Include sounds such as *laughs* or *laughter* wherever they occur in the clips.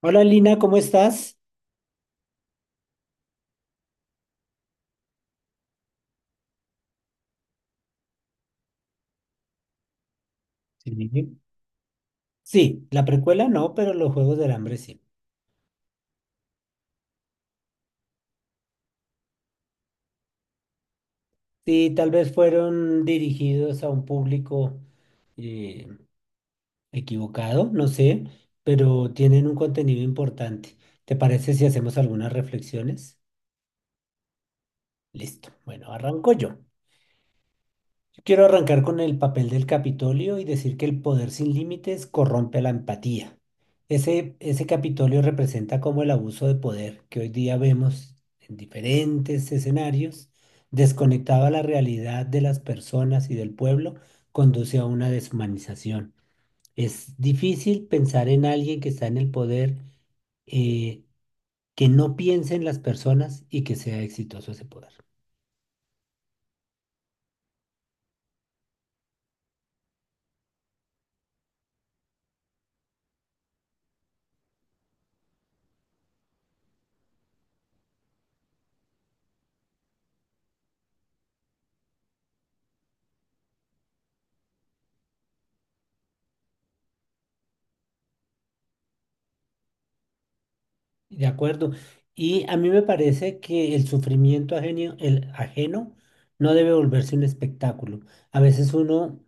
Hola Lina, ¿cómo estás? Sí. Sí, la precuela no, pero los Juegos del Hambre sí. Sí, tal vez fueron dirigidos a un público eh, equivocado, no sé, pero tienen un contenido importante. ¿Te parece si hacemos algunas reflexiones? Listo. Bueno, arranco yo. Quiero arrancar con el papel del Capitolio y decir que el poder sin límites corrompe la empatía. Ese Capitolio representa como el abuso de poder que hoy día vemos en diferentes escenarios, desconectado a la realidad de las personas y del pueblo, conduce a una deshumanización. Es difícil pensar en alguien que está en el poder, eh, que no piense en las personas y que sea exitoso ese poder. De acuerdo. Y a mí me parece que el sufrimiento ajeno, el ajeno no debe volverse un espectáculo. A veces uno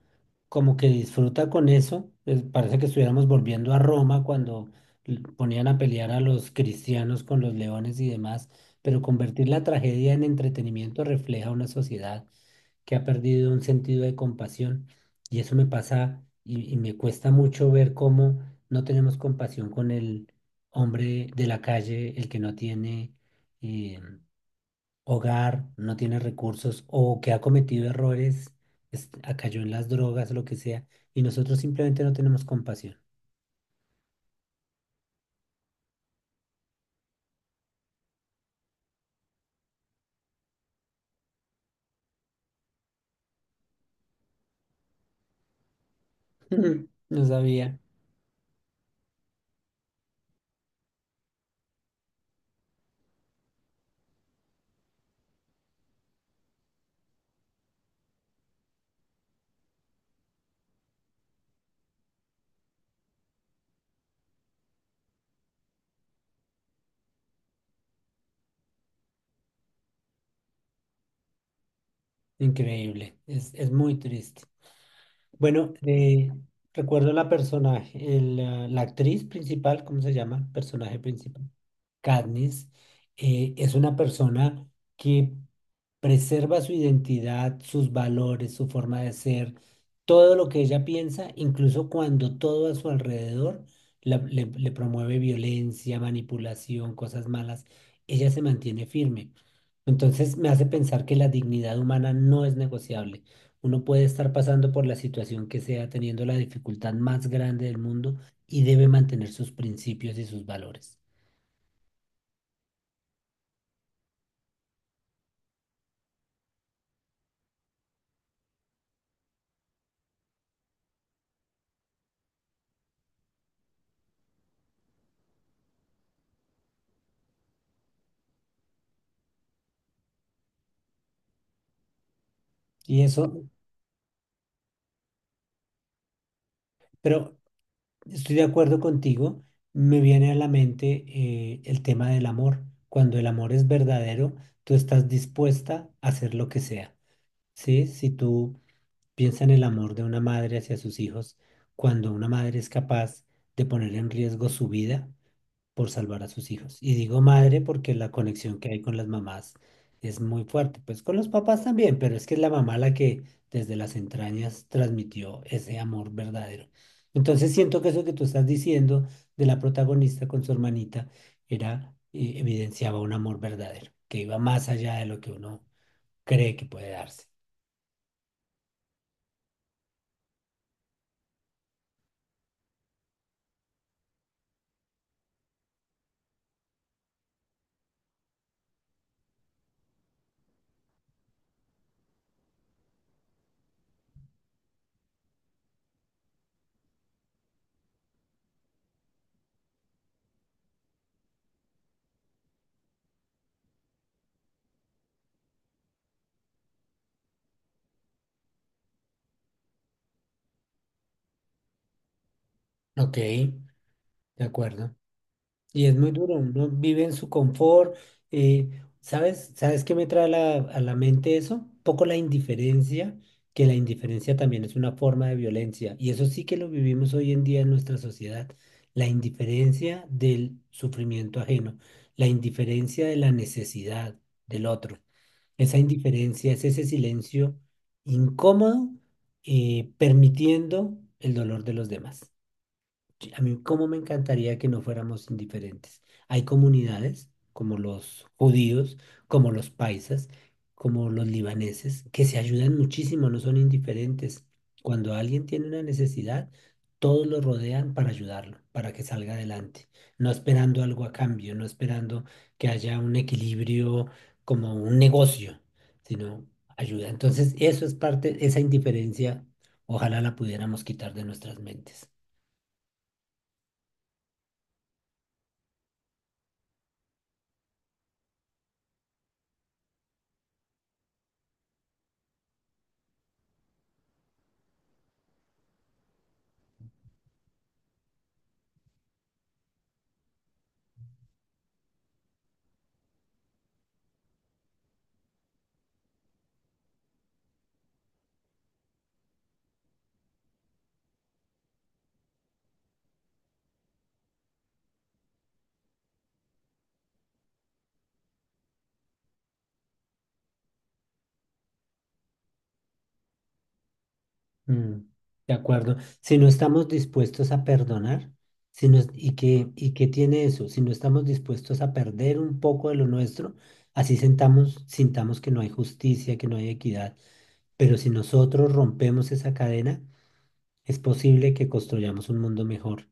como que disfruta con eso. Pues, parece que estuviéramos volviendo a Roma cuando ponían a pelear a los cristianos con los leones y demás. Pero convertir la tragedia en entretenimiento refleja una sociedad que ha perdido un sentido de compasión. Y eso me pasa y me cuesta mucho ver cómo no tenemos compasión con él hombre de la calle, el que no tiene eh, hogar, no tiene recursos o que ha cometido errores, cayó en las drogas, lo que sea, y nosotros simplemente no tenemos compasión. *laughs* No sabía. Increíble. Es muy triste. Bueno, recuerdo la personaje, la actriz principal, ¿cómo se llama? Personaje principal. Katniss es una persona que preserva su identidad, sus valores, su forma de ser, todo lo que ella piensa, incluso cuando todo a su alrededor le promueve violencia, manipulación, cosas malas, ella se mantiene firme. Entonces me hace pensar que la dignidad humana no es negociable. Uno puede estar pasando por la situación que sea, teniendo la dificultad más grande del mundo y debe mantener sus principios y sus valores. Y eso, pero estoy de acuerdo contigo, me viene a la mente el tema del amor. Cuando el amor es verdadero, tú estás dispuesta a hacer lo que sea. ¿Sí? Si tú piensas en el amor de una madre hacia sus hijos, cuando una madre es capaz de poner en riesgo su vida, por salvar a sus hijos. Y digo madre porque la conexión que hay con las mamás es muy fuerte, pues con los papás también, pero es que es la mamá la que desde las entrañas transmitió ese amor verdadero. Entonces siento que eso que tú estás diciendo de la protagonista con su hermanita era, evidenciaba un amor verdadero, que iba más allá de lo que uno cree que puede darse. Ok, de acuerdo. Y es muy duro, uno vive en su confort. eh, ¿Sabes? ¿Sabes qué me trae a la mente eso? Un poco la indiferencia, que la indiferencia también es una forma de violencia. Y eso sí que lo vivimos hoy en día en nuestra sociedad. La indiferencia del sufrimiento ajeno, la indiferencia de la necesidad del otro. Esa indiferencia es ese silencio incómodo, permitiendo el dolor de los demás. Sí, a mí, cómo me encantaría que no fuéramos indiferentes. Hay comunidades como los judíos, como los paisas, como los libaneses, que se ayudan muchísimo, no son indiferentes. Cuando alguien tiene una necesidad, todos lo rodean para ayudarlo, para que salga adelante, no esperando algo a cambio, no esperando que haya un equilibrio como un negocio, sino ayuda. Entonces, eso es parte, esa indiferencia, ojalá la pudiéramos quitar de nuestras mentes. Mm, de acuerdo. Si no estamos dispuestos a perdonar, si nos- y qué tiene eso? Si no estamos dispuestos a perder un poco de lo nuestro, así sintamos que no hay justicia, que no hay equidad. Pero si nosotros rompemos esa cadena, es posible que construyamos un mundo mejor.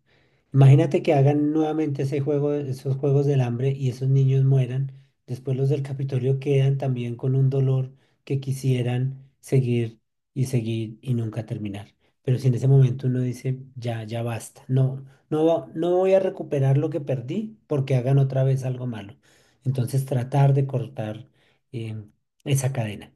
Imagínate que hagan nuevamente ese juego, esos juegos del hambre y esos niños mueran. Después los del Capitolio quedan también con un dolor que quisieran seguir y seguir y nunca terminar. Pero si en ese momento uno dice, ya, ya basta, no, no, no voy a recuperar lo que perdí porque hagan otra vez algo malo. Entonces tratar de cortar eh, esa cadena.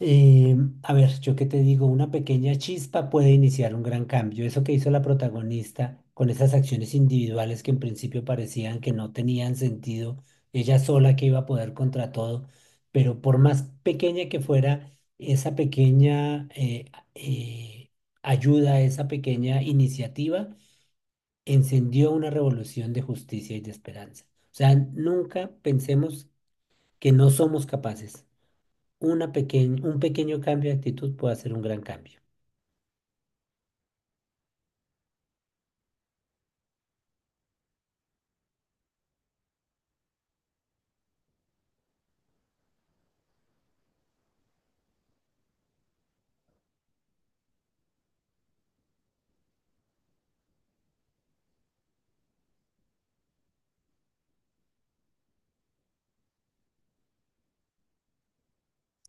Eh, a ver, yo qué te digo, una pequeña chispa puede iniciar un gran cambio. Eso que hizo la protagonista con esas acciones individuales que en principio parecían que no tenían sentido, ella sola que iba a poder contra todo, pero por más pequeña que fuera, esa pequeña ayuda, esa pequeña iniciativa, encendió una revolución de justicia y de esperanza. O sea, nunca pensemos que no somos capaces un pequeño cambio de actitud puede hacer un gran cambio.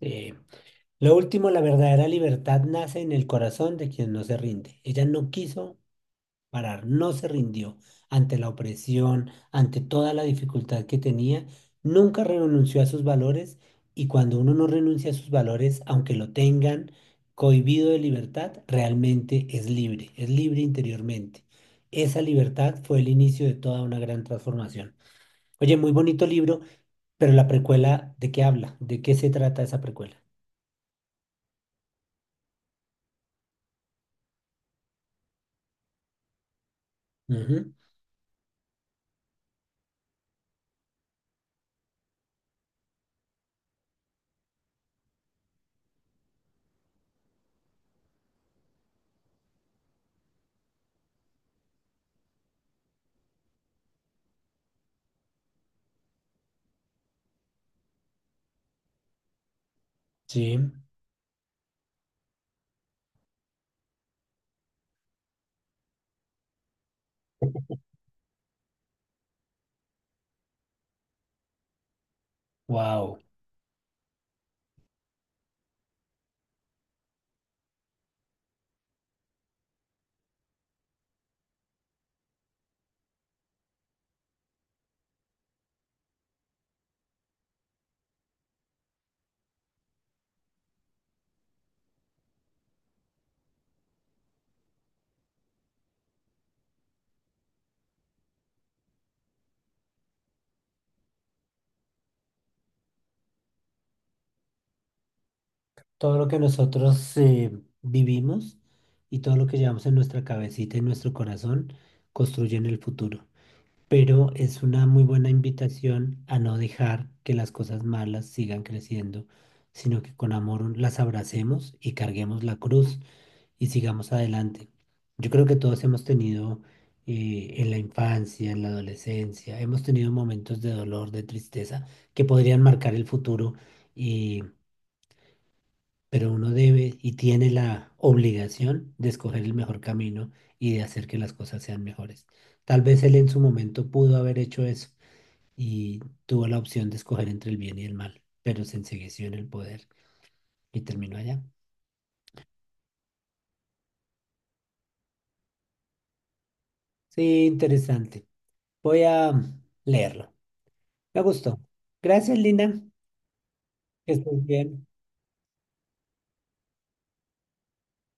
Eh, lo último, la verdadera libertad nace en el corazón de quien no se rinde. Ella no quiso parar, no se rindió ante la opresión, ante toda la dificultad que tenía, nunca renunció a sus valores y cuando uno no renuncia a sus valores, aunque lo tengan cohibido de libertad, realmente es libre interiormente. Esa libertad fue el inicio de toda una gran transformación. Oye, muy bonito libro. Pero la precuela, ¿de qué habla? ¿De qué se trata esa precuela? Ujú. Sí. Wow, todo lo que nosotros vivimos y todo lo que llevamos en nuestra cabecita y nuestro corazón construyen el futuro. Pero es una muy buena invitación a no dejar que las cosas malas sigan creciendo, sino que con amor las abracemos y carguemos la cruz y sigamos adelante. Yo creo que todos hemos tenido en la infancia, en la adolescencia, hemos tenido momentos de dolor, de tristeza, que podrían marcar el futuro, y, pero uno debe y tiene la obligación de escoger el mejor camino y de hacer que las cosas sean mejores. Tal vez él en su momento pudo haber hecho eso y tuvo la opción de escoger entre el bien y el mal, pero se ensegueció en el poder y terminó allá. Sí, interesante. Voy a leerlo. Me gustó. Gracias, Lina. Que estés bien.